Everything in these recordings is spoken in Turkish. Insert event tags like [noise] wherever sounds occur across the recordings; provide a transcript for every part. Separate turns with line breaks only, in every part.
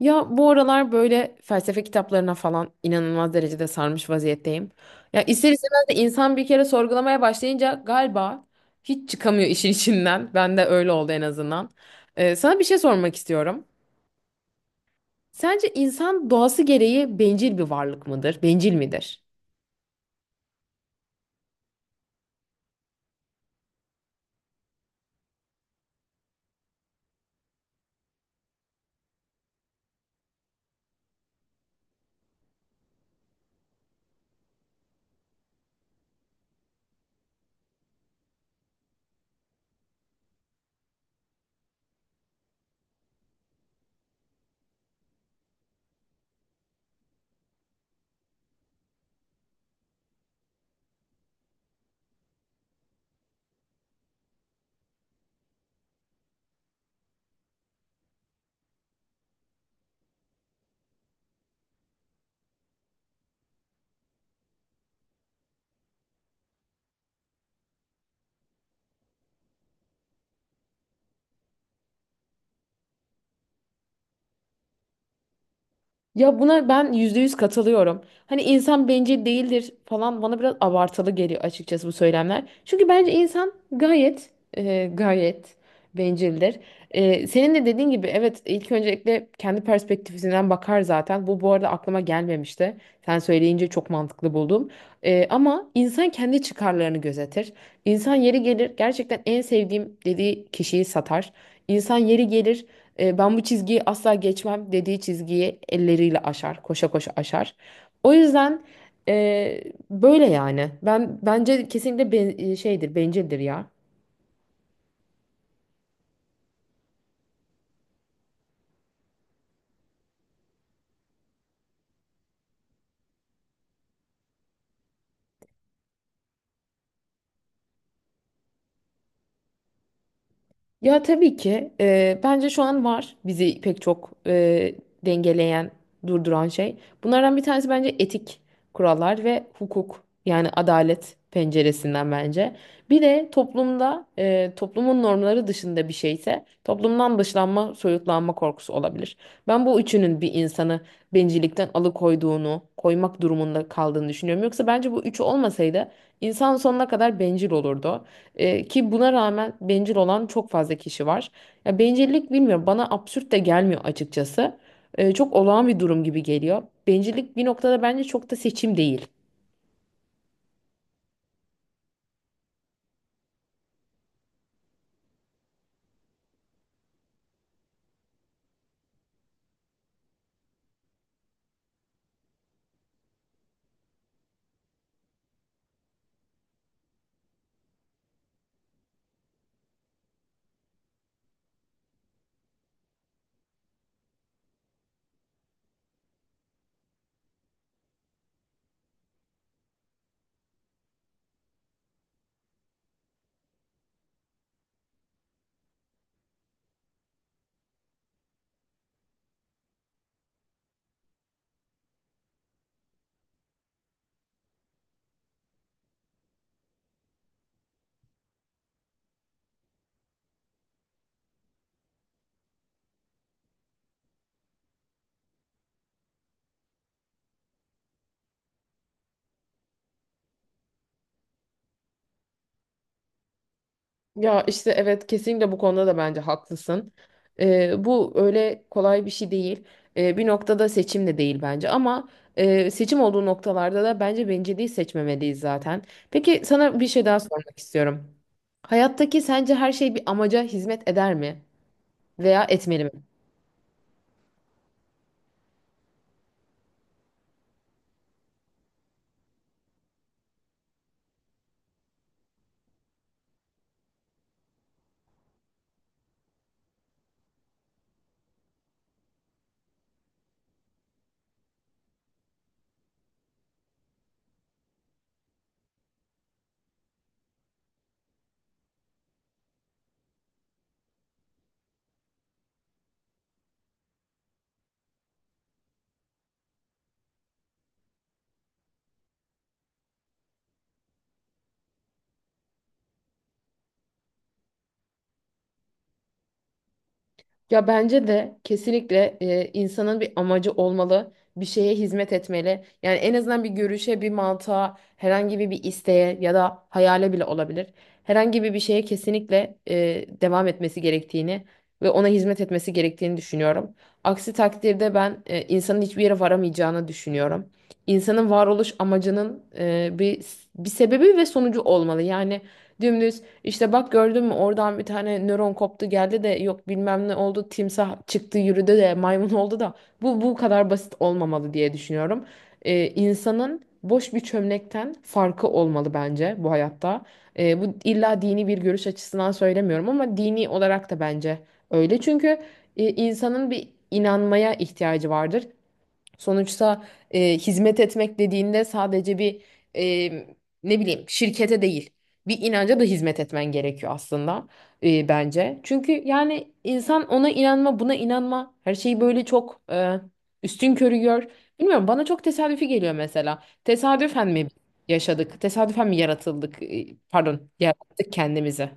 Ya bu aralar böyle felsefe kitaplarına falan inanılmaz derecede sarmış vaziyetteyim. Ya ister istemez de insan bir kere sorgulamaya başlayınca galiba hiç çıkamıyor [laughs] işin içinden. Ben de öyle oldu en azından. Sana bir şey sormak istiyorum. Sence insan doğası gereği bencil bir varlık mıdır? Bencil midir? Ya buna ben %100 katılıyorum. Hani insan bencil değildir falan bana biraz abartılı geliyor açıkçası bu söylemler. Çünkü bence insan gayet bencildir. Senin de dediğin gibi, evet, ilk öncelikle kendi perspektifinden bakar zaten. Bu arada aklıma gelmemişti. Sen söyleyince çok mantıklı buldum. Ama insan kendi çıkarlarını gözetir. İnsan yeri gelir gerçekten en sevdiğim dediği kişiyi satar. İnsan yeri gelir ben bu çizgiyi asla geçmem dediği çizgiyi elleriyle aşar, koşa koşa aşar. O yüzden e, böyle yani. Ben bence kesinlikle şeydir, bencildir ya. Ya tabii ki bence şu an var bizi pek çok dengeleyen, durduran şey. Bunlardan bir tanesi bence etik kurallar ve hukuk yani adalet penceresinden bence. Bir de toplumda toplumun normları dışında bir şeyse toplumdan dışlanma, soyutlanma korkusu olabilir. Ben bu üçünün bir insanı bencillikten alıkoyduğunu, koymak durumunda kaldığını düşünüyorum. Yoksa bence bu üçü olmasaydı insan sonuna kadar bencil olurdu. Ki buna rağmen bencil olan çok fazla kişi var. Ya bencillik bilmiyorum bana absürt de gelmiyor açıkçası. Çok olağan bir durum gibi geliyor. Bencillik bir noktada bence çok da seçim değil. Ya işte evet, kesinlikle bu konuda da bence haklısın. Bu öyle kolay bir şey değil. Bir noktada seçim de değil bence ama seçim olduğu noktalarda da bence bencilliği seçmemeliyiz zaten. Peki, sana bir şey daha sormak istiyorum. Hayattaki sence her şey bir amaca hizmet eder mi veya etmeli mi? Ya bence de kesinlikle insanın bir amacı olmalı, bir şeye hizmet etmeli. Yani en azından bir görüşe, bir mantığa, herhangi bir isteğe ya da hayale bile olabilir. Herhangi bir şeye kesinlikle devam etmesi gerektiğini ve ona hizmet etmesi gerektiğini düşünüyorum. Aksi takdirde ben insanın hiçbir yere varamayacağını düşünüyorum. İnsanın varoluş amacının bir sebebi ve sonucu olmalı. Yani dümdüz. İşte bak, gördün mü, oradan bir tane nöron koptu geldi de yok bilmem ne oldu timsah çıktı yürüdü de maymun oldu da bu kadar basit olmamalı diye düşünüyorum. İnsanın boş bir çömlekten farkı olmalı bence bu hayatta. Bu illa dini bir görüş açısından söylemiyorum ama dini olarak da bence öyle. Çünkü insanın bir inanmaya ihtiyacı vardır. Sonuçta hizmet etmek dediğinde sadece bir e, ne bileyim şirkete değil, bir inanca da hizmet etmen gerekiyor aslında, e, bence. Çünkü yani insan ona inanma buna inanma her şeyi böyle çok üstün körü gör. Bilmiyorum, bana çok tesadüfi geliyor mesela. Tesadüfen mi yaşadık? Tesadüfen mi yaratıldık? Pardon, yarattık kendimizi.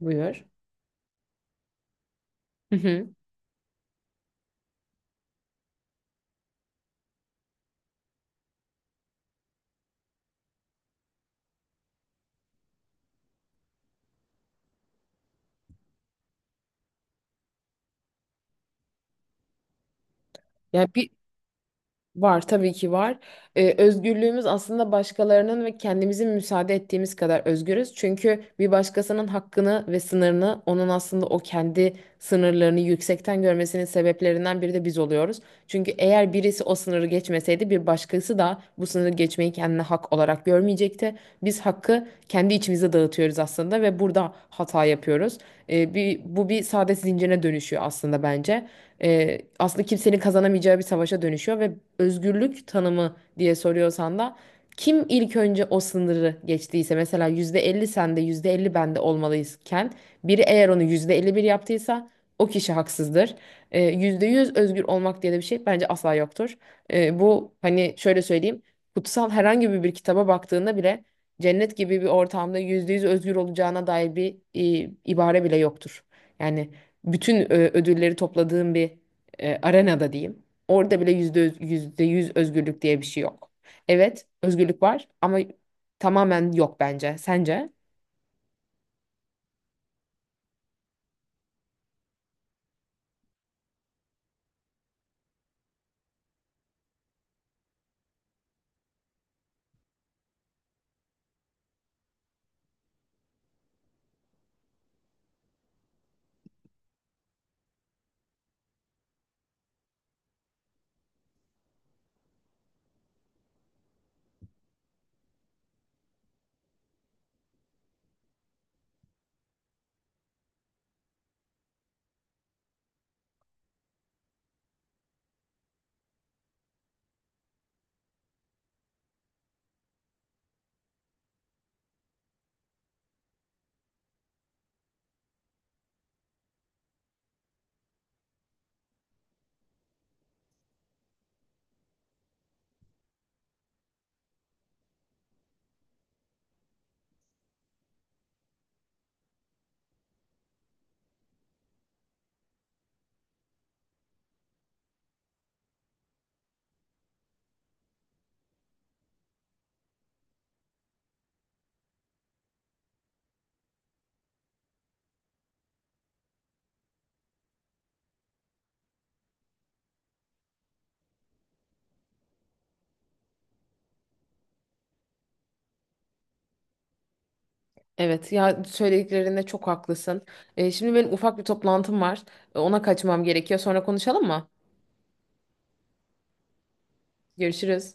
Buyur. Hı hı. Yani bir Var, tabii ki var. Özgürlüğümüz aslında başkalarının ve kendimizin müsaade ettiğimiz kadar özgürüz. Çünkü bir başkasının hakkını ve sınırını onun aslında o kendi sınırlarını yüksekten görmesinin sebeplerinden biri de biz oluyoruz. Çünkü eğer birisi o sınırı geçmeseydi bir başkası da bu sınırı geçmeyi kendine hak olarak görmeyecekti. Biz hakkı kendi içimize dağıtıyoruz aslında ve burada hata yapıyoruz. Bu bir saadet zincirine dönüşüyor aslında, bence, aslında kimsenin kazanamayacağı bir savaşa dönüşüyor ve özgürlük tanımı diye soruyorsan da kim ilk önce o sınırı geçtiyse, mesela %50 sende %50 bende olmalıyken biri eğer onu %51 yaptıysa o kişi haksızdır. %100 özgür olmak diye de bir şey bence asla yoktur. Bu, hani şöyle söyleyeyim, kutsal herhangi bir kitaba baktığında bile cennet gibi bir ortamda %100 özgür olacağına dair bir ibare bile yoktur. Yani bütün ödülleri topladığım bir arenada diyeyim. Orada bile yüzde yüz özgürlük diye bir şey yok. Evet, özgürlük var ama tamamen yok bence. Sence? Evet ya, söylediklerinde çok haklısın. Şimdi benim ufak bir toplantım var. Ona kaçmam gerekiyor. Sonra konuşalım mı? Görüşürüz.